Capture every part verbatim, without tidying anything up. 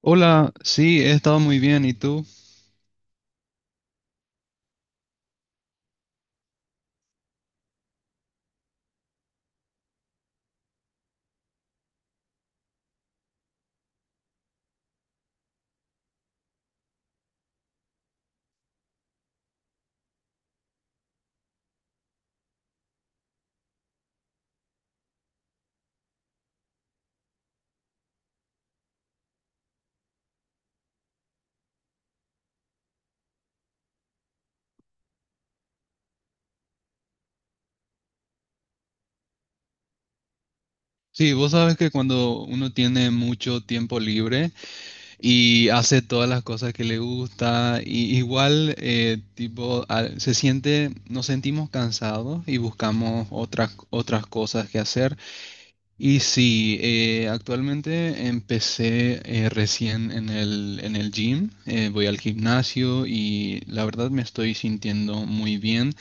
Hola, sí, he estado muy bien. ¿Y tú? Sí, vos sabes que cuando uno tiene mucho tiempo libre y hace todas las cosas que le gusta, y igual eh, tipo al- se siente, nos sentimos cansados y buscamos otras otras cosas que hacer. Y sí, eh, actualmente empecé eh, recién en el en el gym. Eh, voy al gimnasio y la verdad me estoy sintiendo muy bien.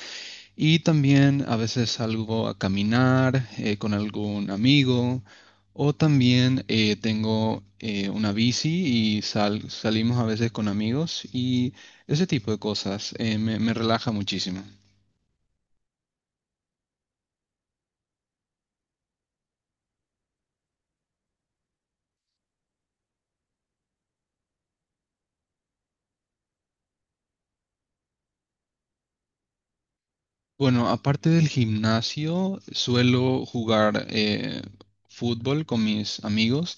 Y también a veces salgo a caminar eh, con algún amigo o también eh, tengo eh, una bici y sal- salimos a veces con amigos y ese tipo de cosas, eh, me, me relaja muchísimo. Bueno, aparte del gimnasio, suelo jugar eh, fútbol con mis amigos.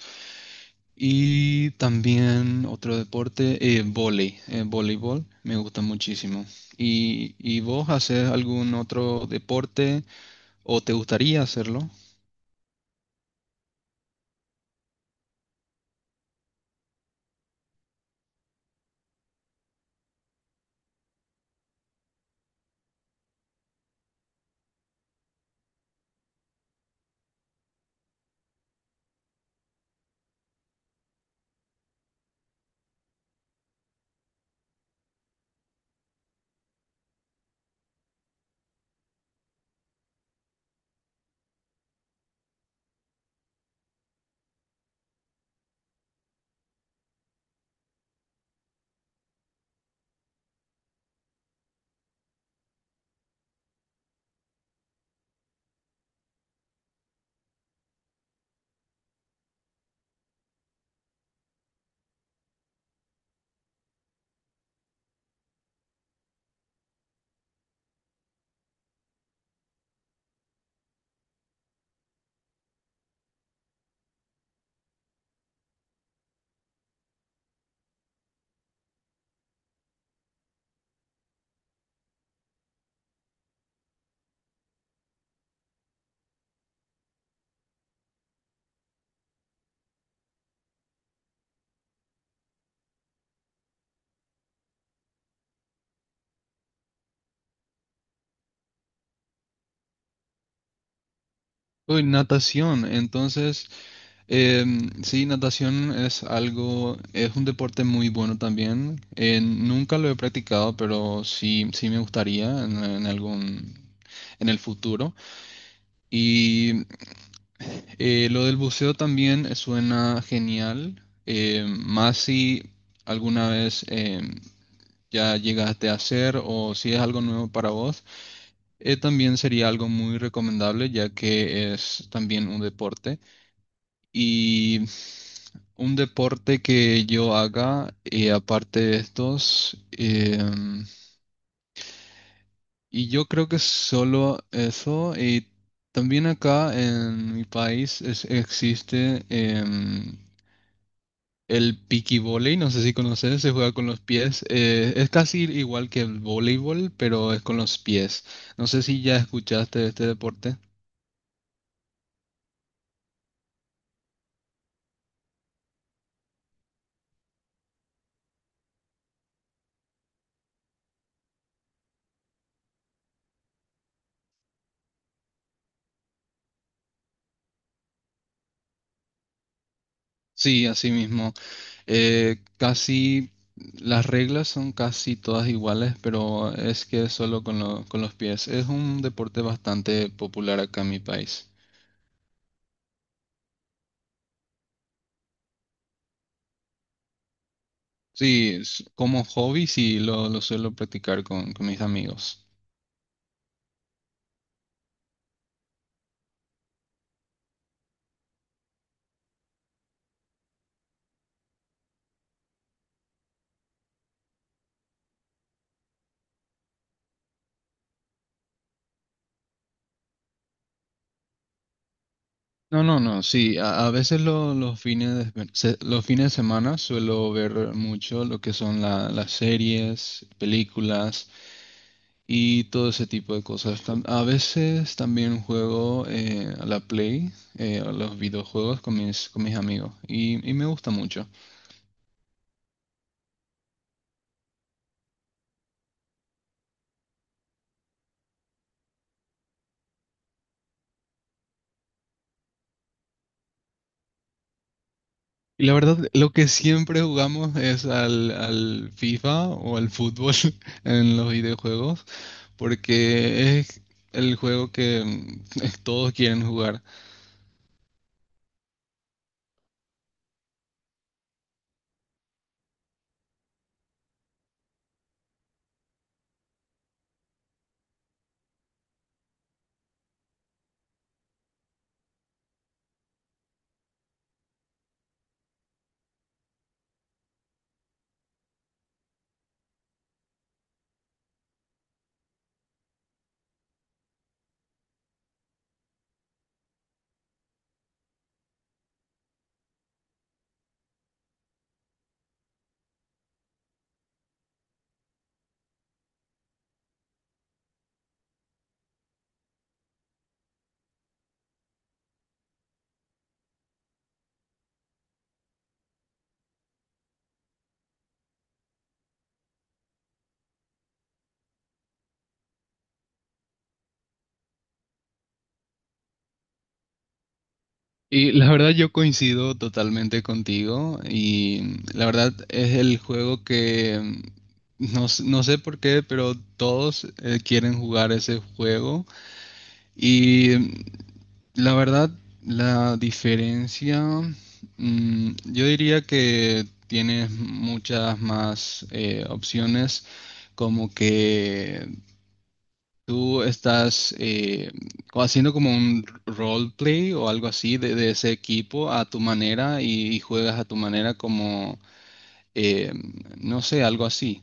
Y también otro deporte, eh, vóley, eh, voleibol, me gusta muchísimo. ¿Y, y vos haces algún otro deporte o te gustaría hacerlo? Uy, natación, entonces, em, sí, natación es algo, es un deporte muy bueno también. Eh, nunca lo he practicado, pero sí, sí me gustaría en en algún, en el futuro. Y Eh, lo del buceo también suena genial, eh, más si alguna vez eh, ya llegaste a hacer o si es algo nuevo para vos, eh, también sería algo muy recomendable ya que es también un deporte y un deporte que yo haga eh, aparte de estos em, Y yo creo que solo eso. Y también acá en mi país es- existe em, el volley, no sé si conoces, se juega con los pies. Eh, es casi igual que el voleibol, pero es con los pies. No sé si ya escuchaste de este deporte. Sí, así mismo. Eh, casi las reglas son casi todas iguales, pero es que es solo con, lo- con los pies. Es un deporte bastante popular acá en mi país. Sí, es- como hobby sí lo, lo suelo practicar con, con mis amigos. No, no, no, sí, a, a veces lo- los fines de, se- los fines de semana suelo ver mucho lo que son la- las series, películas y todo ese tipo de cosas. Tam- A veces también juego eh, a la Play, eh, a los videojuegos con mis, con mis amigos y, y me gusta mucho. Y la verdad, lo que siempre jugamos es al, al FIFA o al fútbol en los videojuegos porque es el juego que mm, todos quieren jugar. Y la verdad yo coincido totalmente contigo. Y la verdad es el juego que mm, no, s- no sé por qué, pero todos eh, quieren jugar ese juego. Y mm, la verdad la diferencia, mm, yo diría que tienes muchas más eh, opciones, como que ¿tú estás eh, co- haciendo como un roleplay o algo así de, de ese equipo a tu manera y, y juegas a tu manera como, eh, no sé, algo así?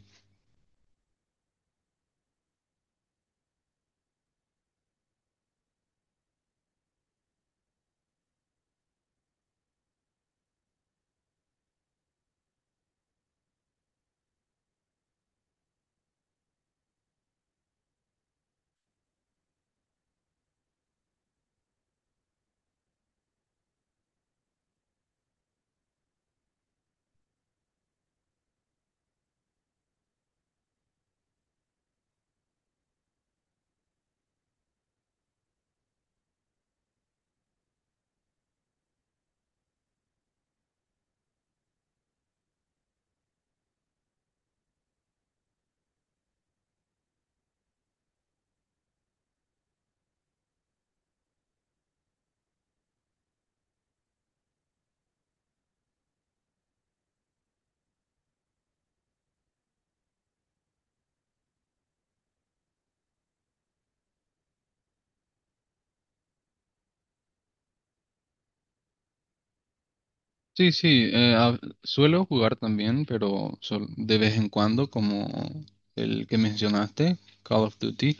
Sí, sí, eh, a- suelo jugar también, pero sol- de vez en cuando, como el que mencionaste, Call of Duty.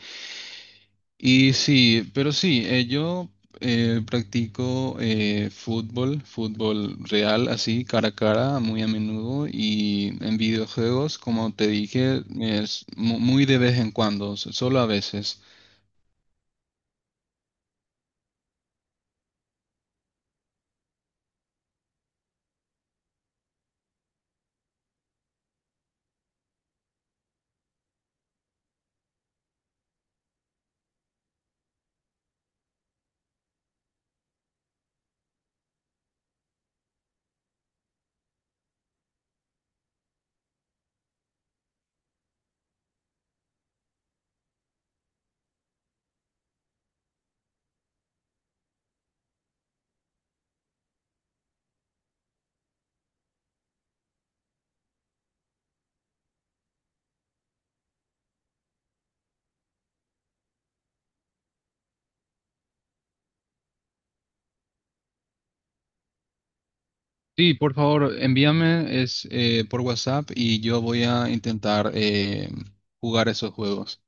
Y sí, pero sí, eh, yo eh, practico eh, fútbol, fútbol real, así, cara a cara, muy a menudo, y en videojuegos, como te dije, es mu- muy de vez en cuando, s- solo a veces. Sí, por favor, envíame es, eh, por WhatsApp y yo voy a intentar eh, jugar esos juegos.